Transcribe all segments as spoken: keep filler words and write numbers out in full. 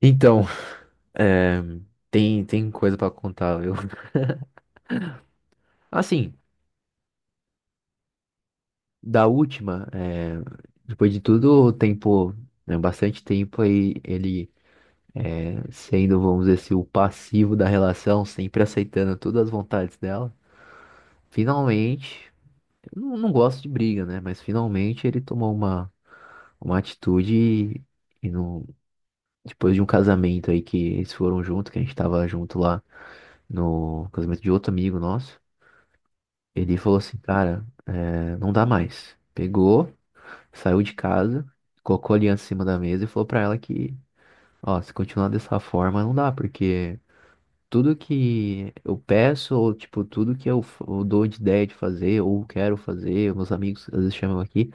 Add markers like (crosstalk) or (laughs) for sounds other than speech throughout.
Então, é, tem, tem coisa pra contar, viu? Assim, da última, é, depois de tudo, o tempo, né, bastante tempo aí, ele é, sendo, vamos dizer assim, o passivo da relação, sempre aceitando todas as vontades dela, finalmente, eu não, não gosto de briga, né? Mas finalmente ele tomou uma, uma atitude e, e não, depois de um casamento aí que eles foram junto, que a gente tava junto lá no casamento de outro amigo nosso. Ele falou assim, cara, é, não dá mais. Pegou, saiu de casa, colocou a aliança em cima da mesa e falou pra ela que, ó, se continuar dessa forma, não dá, porque tudo que eu peço, ou tipo, tudo que eu, f- eu dou de ideia de fazer, ou quero fazer, meus amigos às vezes chamam aqui,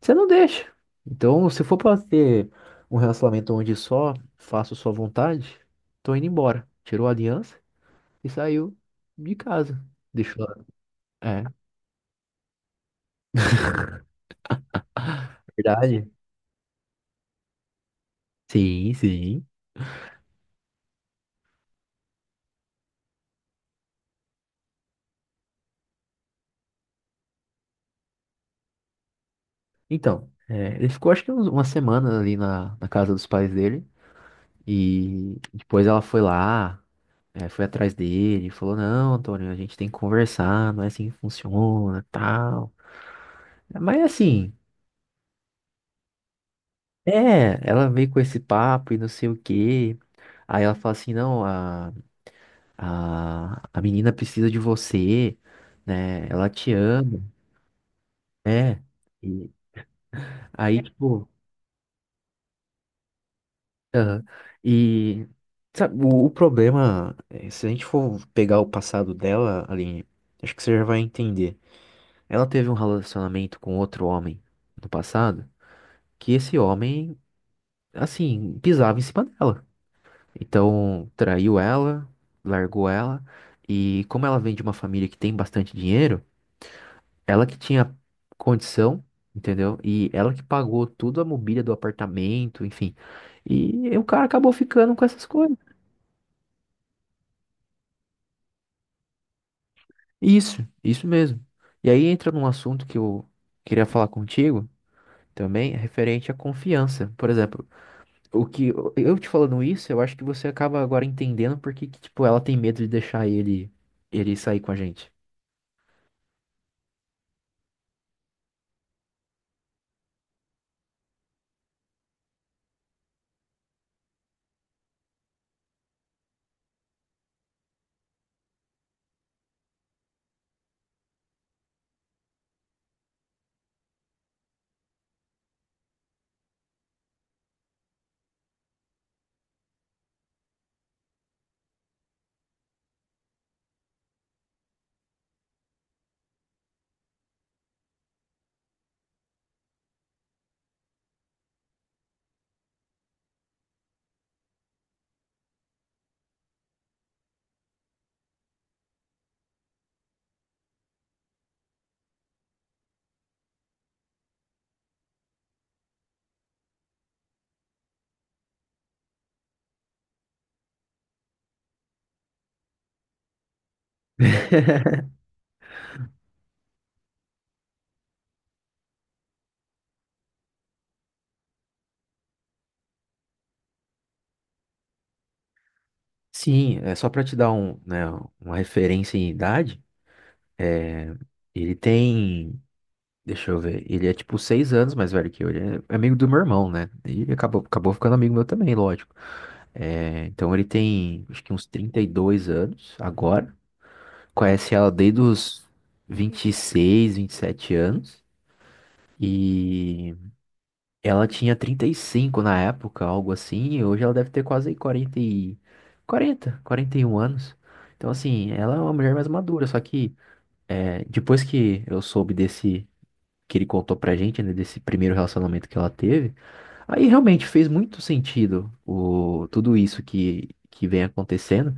você não deixa. Então, se for pra ter um relacionamento onde só faço sua vontade, tô indo embora. Tirou a aliança e saiu de casa. Deixou, é, (laughs) verdade. Sim, sim. Então, é, ele ficou acho que uns- uma semana ali na, na casa dos pais dele. E depois ela foi lá, é, foi atrás dele, e falou, não, Antônio, a gente tem que conversar, não é assim que funciona, tal. Mas assim, é, ela veio com esse papo e não sei o quê. Aí ela fala assim, não, a, a, a menina precisa de você, né? Ela te ama, né? E aí, tipo. Aham. E sabe, o, o problema, é, se a gente for pegar o passado dela, Aline, acho que você já vai entender. Ela teve um relacionamento com outro homem no passado, que esse homem, assim, pisava em cima dela. Então, traiu ela, largou ela, e como ela vem de uma família que tem bastante dinheiro, ela que tinha condição, entendeu? E ela que pagou tudo a mobília do apartamento, enfim. E o cara acabou ficando com essas coisas. Isso, isso mesmo. E aí entra num assunto que eu queria falar contigo também, referente à confiança. Por exemplo, o que eu eu te falando isso, eu acho que você acaba agora entendendo porque que, que, tipo, ela tem medo de deixar ele ele sair com a gente. (laughs) Sim, é só pra te dar um, né, uma referência em idade, ele tem, deixa eu ver, ele é tipo seis anos mais velho que eu, ele é amigo do meu irmão, né? E acabou, acabou ficando amigo meu também, lógico. É, então ele tem acho que uns trinta e dois anos agora. Conhece ela desde os vinte e seis, vinte e sete anos. E ela tinha trinta e cinco na época, algo assim. E hoje ela deve ter quase quarenta e- quarenta, quarenta e um anos. Então, assim, ela é uma mulher mais madura. Só que é, depois que eu soube desse, que ele contou pra gente, né, desse primeiro relacionamento que ela teve. Aí realmente fez muito sentido o, tudo isso que, que vem acontecendo.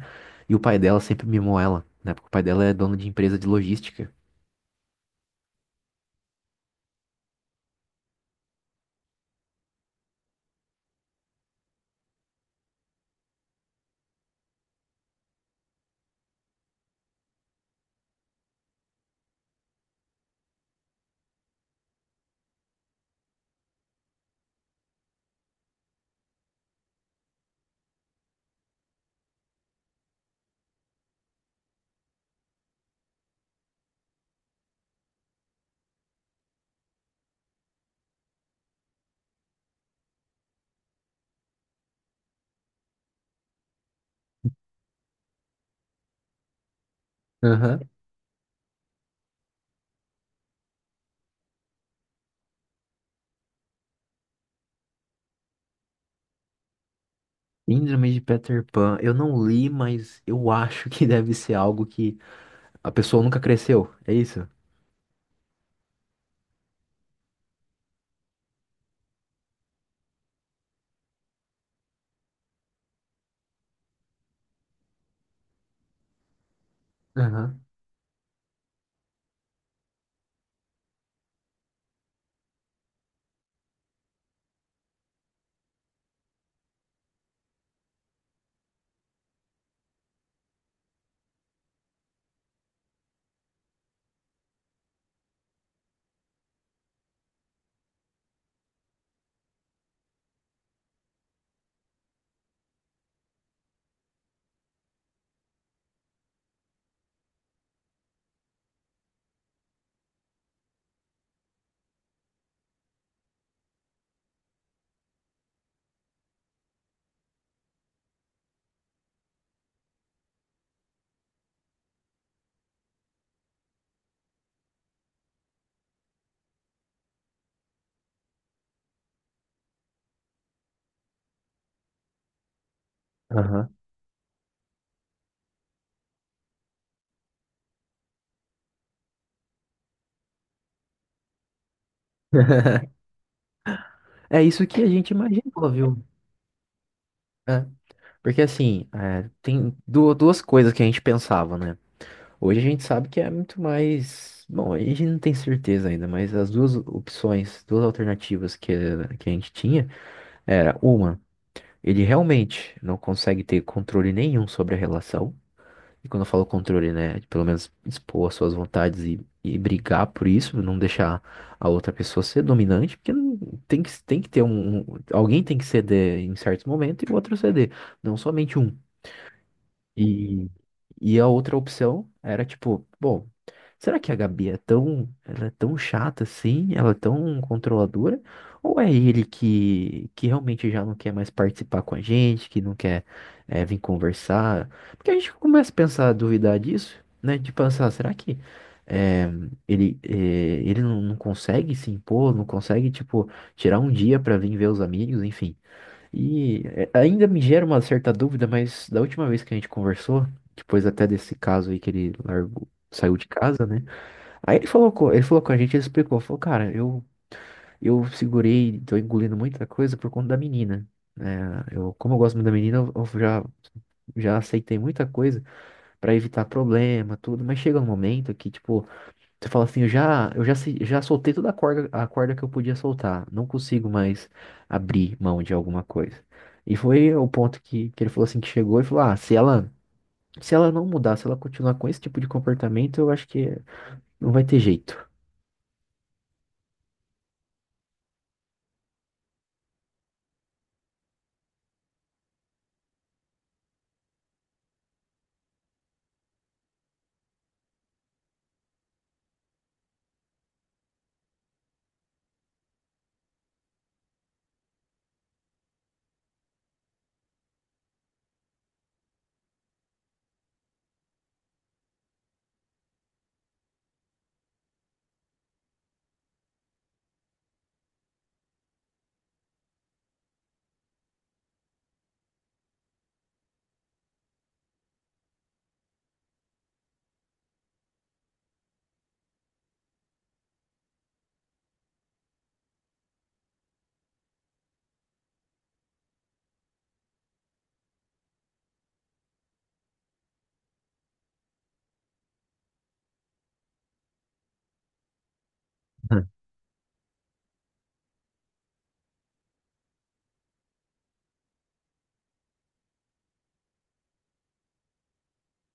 E o pai dela sempre mimou ela, né? Porque o pai dela é dono de empresa de logística. Aham. Síndrome de Peter Pan. Eu não li, mas eu acho que deve ser algo que a pessoa nunca cresceu. É isso? Aham. Aham. (laughs) É isso que a gente imaginou, viu? É. Porque assim, é, tem du- duas coisas que a gente pensava, né? Hoje a gente sabe que é muito mais. Bom, a gente não tem certeza ainda, mas as duas opções, duas alternativas que, que a gente tinha era uma, ele realmente não consegue ter controle nenhum sobre a relação. E quando eu falo controle, né, de pelo menos expor as suas vontades e, e brigar por isso, não deixar a outra pessoa ser dominante, porque não- tem que, tem que ter um. um- Alguém tem que ceder em certos momentos e o outro ceder. Não somente um. E, e a outra opção era tipo, bom, será que a Gabi é tão, ela é tão chata assim? Ela é tão controladora? Ou é ele que, que realmente já não quer mais participar com a gente, que não quer eh, vir conversar? Porque a gente começa a pensar, a duvidar disso, né? De pensar, será que eh, ele, eh, ele não, não consegue se impor, não consegue, tipo, tirar um dia pra vir ver os amigos, enfim. E é, ainda me gera uma certa dúvida, mas da última vez que a gente conversou, depois até desse caso aí que ele largou, saiu de casa, né? Aí ele falou, co- ele falou com a gente, ele explicou, falou, cara, eu, eu segurei, tô engolindo muita coisa por conta da menina. Né? Eu, como eu gosto muito da menina, eu, eu já, já aceitei muita coisa pra evitar problema, tudo, mas chega um momento que, tipo, você fala assim, eu já, eu já, se- já soltei toda a corda, a corda que eu podia soltar, não consigo mais abrir mão de alguma coisa. E foi o ponto que, que ele falou assim, que chegou e falou, ah, se ela, se ela não mudar, se ela continuar com esse tipo de comportamento, eu acho que não vai ter jeito.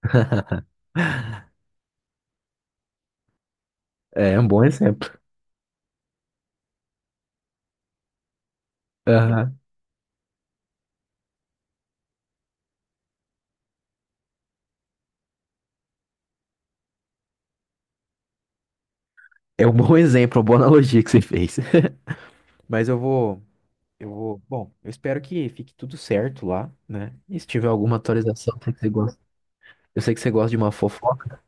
(laughs) É um bom exemplo. Aham. É um bom exemplo, uma boa analogia que você fez. (laughs) Mas eu vou, eu vou, bom, eu espero que fique tudo certo lá, né? E se tiver alguma atualização, eu sei que você gosta, eu sei que você gosta de uma fofoca.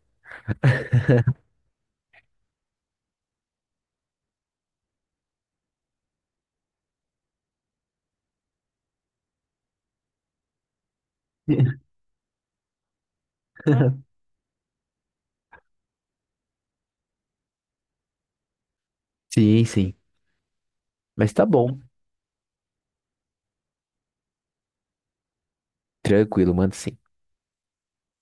(laughs) Sim, sim. Mas tá bom. Tranquilo, manda sim.